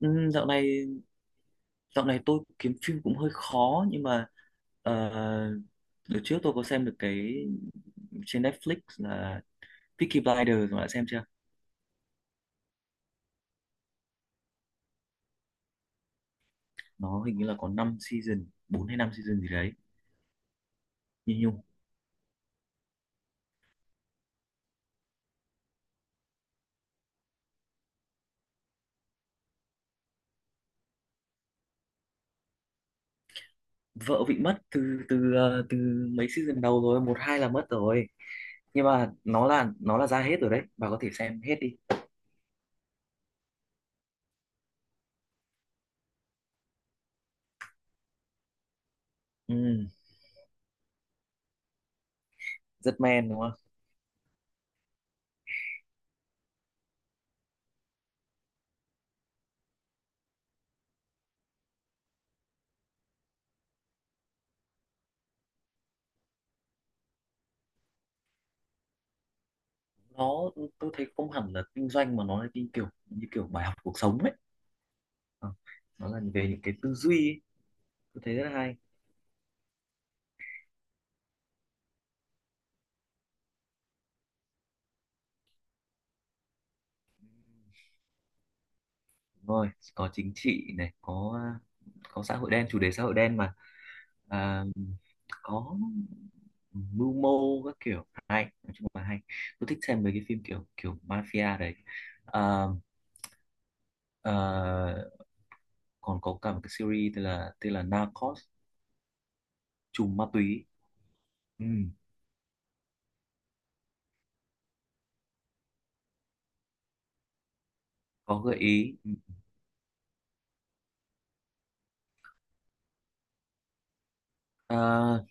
Ừ, dạo này tôi kiếm phim cũng hơi khó, nhưng mà uh, đợt trước tôi có xem được cái trên Netflix là Peaky Blinders, mà đã xem chưa? Nó hình như là có 5 season, bốn hay năm season gì đấy. Như nhung, vợ bị mất từ từ ờ, từ mấy season đầu rồi, một hai là mất rồi. Nhưng mà nó là ra hết rồi đấy, bà có thể xem hết đi. Ừ, rất men, đúng không? Nó tôi thấy không hẳn là kinh doanh, mà nó là như kiểu bài học cuộc sống ấy. Ờ, Nó là về những cái tư duy ấy, tôi thấy rất là hay. Đúng rồi, có chính trị này, có xã hội đen, chủ đề xã hội đen mà. à, có mưu mô các kiểu, hay, nói chung là hay, tôi thích xem mấy cái phim kiểu kiểu mafia đấy. À, à, còn có cả một cái series tên là Narcos, trùm ma túy. Ừ, có gợi ý. à,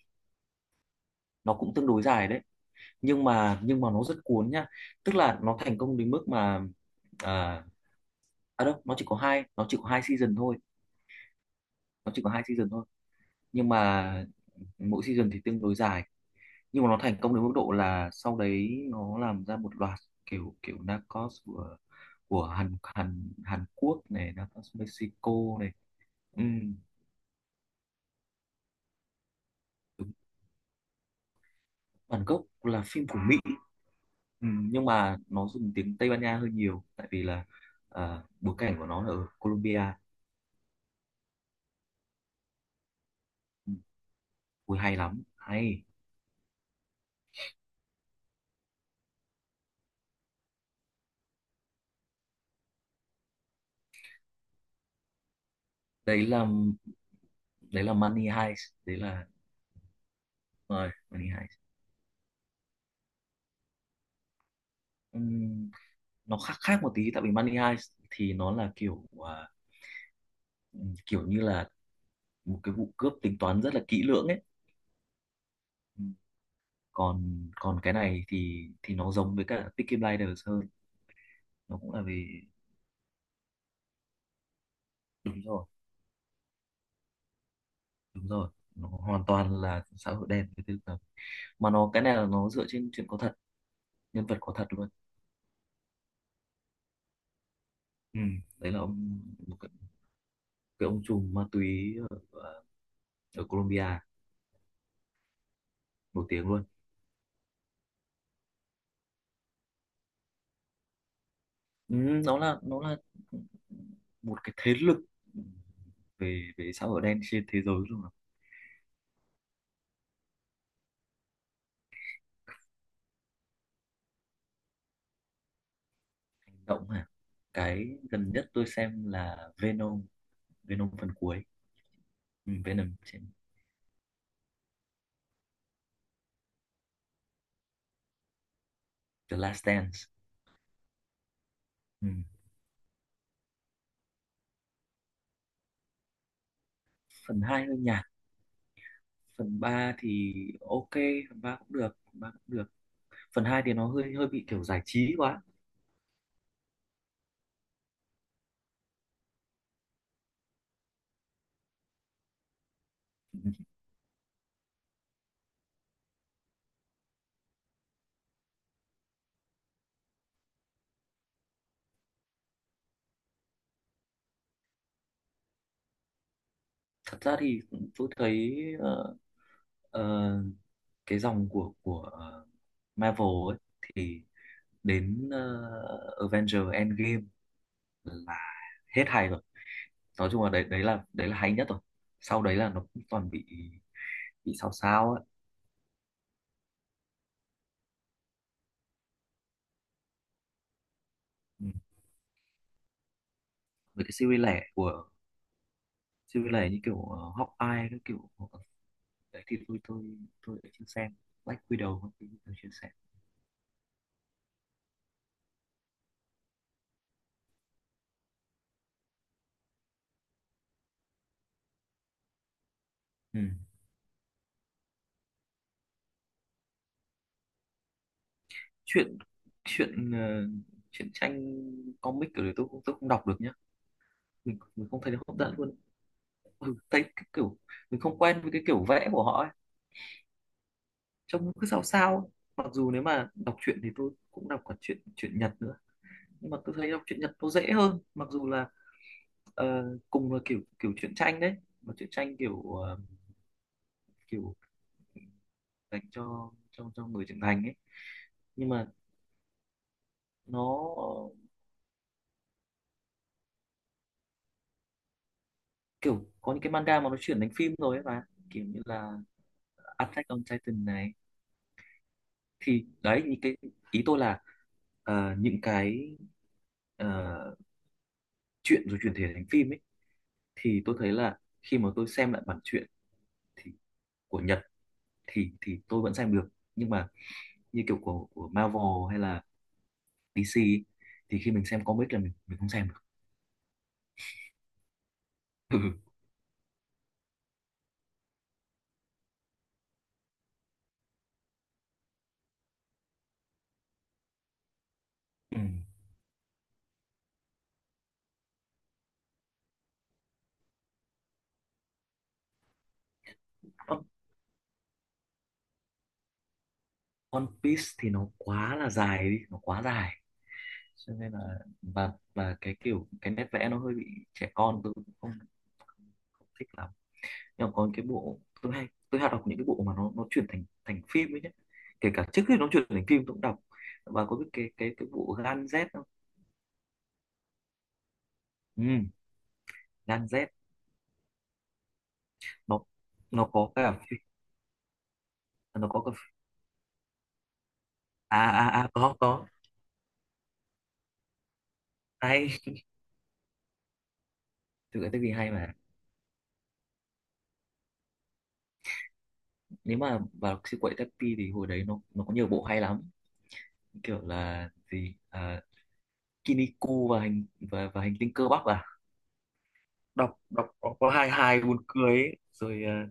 nó cũng tương đối dài đấy, nhưng mà nó rất cuốn nhá. Tức là nó thành công đến mức mà, à, đâu nó chỉ có hai season thôi, nó chỉ có hai season thôi nhưng mà mỗi season thì tương đối dài. Nhưng mà nó thành công đến mức độ là sau đấy nó làm ra một loạt kiểu kiểu Narcos của Hàn Hàn Hàn Quốc này, Narcos Mexico này. Ừ, đúng. Bản gốc là phim của Mỹ. Ừ, nhưng mà nó dùng tiếng Tây Ban Nha hơi nhiều, tại vì là bối cảnh của nó là ở Colombia. Ừ, ui, hay lắm, hay. Đấy là đấy là Money Heist, đấy là rồi Money Heist. Ừ, nó khác khác một tí, tại vì Money Heist thì nó là kiểu như là một cái vụ cướp tính toán rất là kỹ lưỡng ấy. Ừ. còn còn cái này thì nó giống với cả Peaky Blinders hơn, nó cũng là về. Đúng rồi, đúng rồi, nó hoàn toàn là xã hội đen, cái thứ đó. Mà nó, cái này là nó dựa trên chuyện có thật, nhân vật có thật luôn. Ừ. Đấy là ông, một cái ông trùm ma túy à, ở Colombia, nổi tiếng luôn. Ừ, nó là một cái thế lực về về xã hội đen trên thế giới luôn, là... Hành động à? Cái gần nhất tôi xem là Venom Venom phần cuối. Ừ, Venom trên The Last Dance. Ừ. Phần 2 hơi nhạt, phần 3 thì ok, phần 3 cũng được, phần 3 cũng được, phần 2 thì nó hơi hơi bị kiểu giải trí quá. Thật ra thì tôi thấy ờ, ờ, cái dòng của Marvel ấy, thì đến Avengers Endgame là hết hài, nói chung là đấy đấy là hay nhất rồi. Sau đấy là nó cũng toàn bị sao sao ấy. Ừ. Với cái series lẻ series lẻ như kiểu Hawkeye các kiểu, đấy thì tôi đã chưa xem Black Widow các thứ, tôi chưa xem. Ừ. chuyện chuyện ờ, Chuyện tranh, comic kiểu đấy tôi tôi không đọc được nhá. Mình không thấy nó hấp dẫn luôn. Ừ, thấy cái kiểu mình không quen với cái kiểu vẽ của họ ấy, trông nó cứ sao sao ấy. Mặc dù nếu mà đọc truyện thì tôi cũng đọc cả truyện truyện Nhật nữa, nhưng mà tôi thấy đọc truyện Nhật nó dễ hơn, mặc dù là cùng là kiểu kiểu truyện tranh đấy. Mà truyện tranh kiểu dành cho người trưởng thành ấy, nhưng mà nó, kiểu có những cái manga mà nó chuyển thành phim rồi ấy mà, kiểu như là Attack on Titan này, thì đấy những cái, ý tôi là những cái ờ, truyện rồi chuyển thể thành phim ấy. Thì tôi thấy là khi mà tôi xem lại bản truyện, thì của Nhật, thì tôi vẫn xem được. Nhưng mà như kiểu của Marvel hay là DC ấy, thì khi mình xem comic là mình không xem được. Ừ. One One Piece thì nó quá là dài đi, nó quá dài, cho nên là, và cái nét vẽ nó hơi bị trẻ con, tôi cũng không thích lắm. Nhưng mà có những cái bộ tôi hay, đọc những cái bộ mà nó chuyển thành thành phim ấy nhé, kể cả trước khi nó chuyển thành phim tôi cũng đọc. Và có biết cái bộ Gan Z không? Ừ, Gan Z, nó nó có cả nó có cả, có hay. Thực ra cái gì hay mà, nếu mà vào siêu quậy Tappy thì hồi đấy nó có nhiều bộ hay lắm, kiểu là gì, Kiniku và hành tinh cơ bắp à? Đọc Đọc có hai hai buồn cười ấy. Rồi,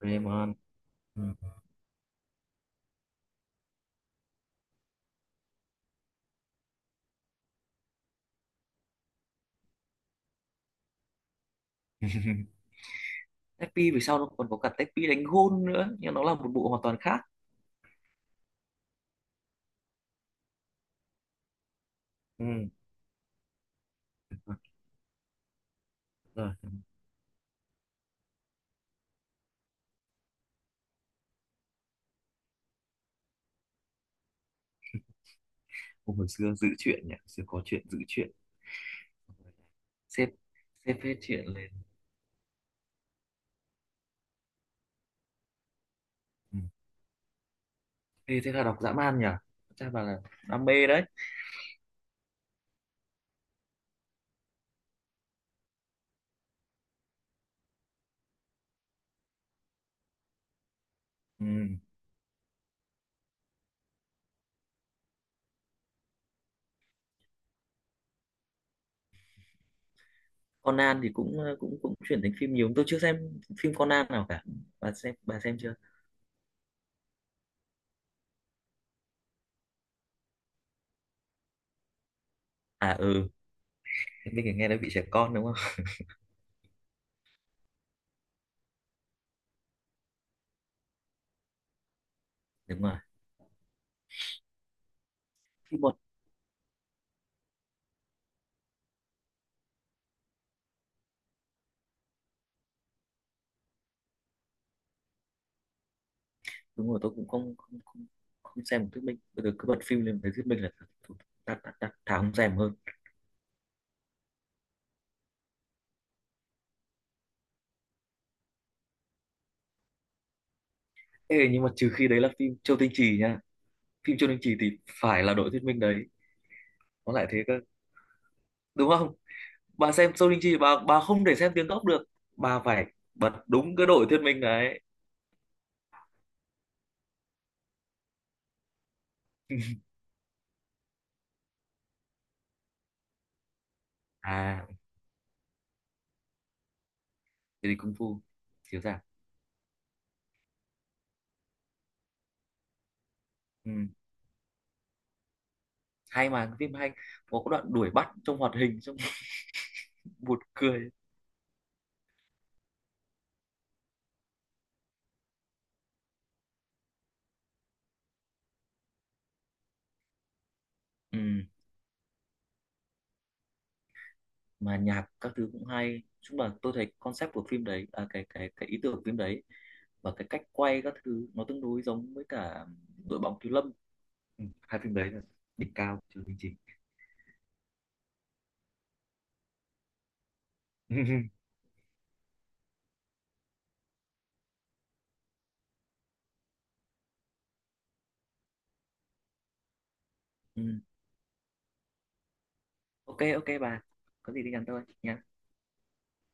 Doraemon. Ừ. Tepi về sau nó còn có cả Tepi đánh gôn nữa, nhưng nó là một bộ hoàn toàn khác. Ừ. Rồi. Hồi xưa giữ chuyện nhỉ, xưa có chuyện, giữ chuyện, xếp xếp hết chuyện lên. Ừ. Ê, thế là đọc dã man nhỉ, chắc bà là đam mê đấy. Ừ. Conan thì cũng ờ, cũng cũng chuyển thành phim nhiều, tôi chưa xem phim Conan nào cả, bà xem chưa? À, ừ. Minh thì nghe nói bị trẻ con, đúng không? Đúng rồi. Phim một, đúng rồi, tôi cũng không xem một thuyết minh, bây giờ cứ bật phim lên thấy thuyết minh là đặt đặt đặt thà không xem hơn. Ê, nhưng mà trừ khi đấy là phim Châu Tinh Trì nha, phim Châu Tinh Trì thì phải là đội thuyết minh đấy, nó lại thế cơ, đúng không? Bà xem Châu Tinh Trì, bà không thể xem tiếng gốc được, bà phải bật đúng cái đội thuyết minh đấy. à thế thì Kung Fu chiếu rạp. Ừ. Hay mà, cái phim hay, có cái đoạn đuổi bắt trong hoạt hình, xong buồn cười. Ừ. Mà nhạc các thứ cũng hay, chung là tôi thấy concept của phim đấy, cái ý tưởng của phim đấy, và cái cách quay các thứ nó tương đối giống với cả đội bóng thiếu lâm. Ừ, hai phim đấy là đỉnh cao trừ bình trình. Ừ. Ok, ok bà, có gì thì nhắn tôi nha.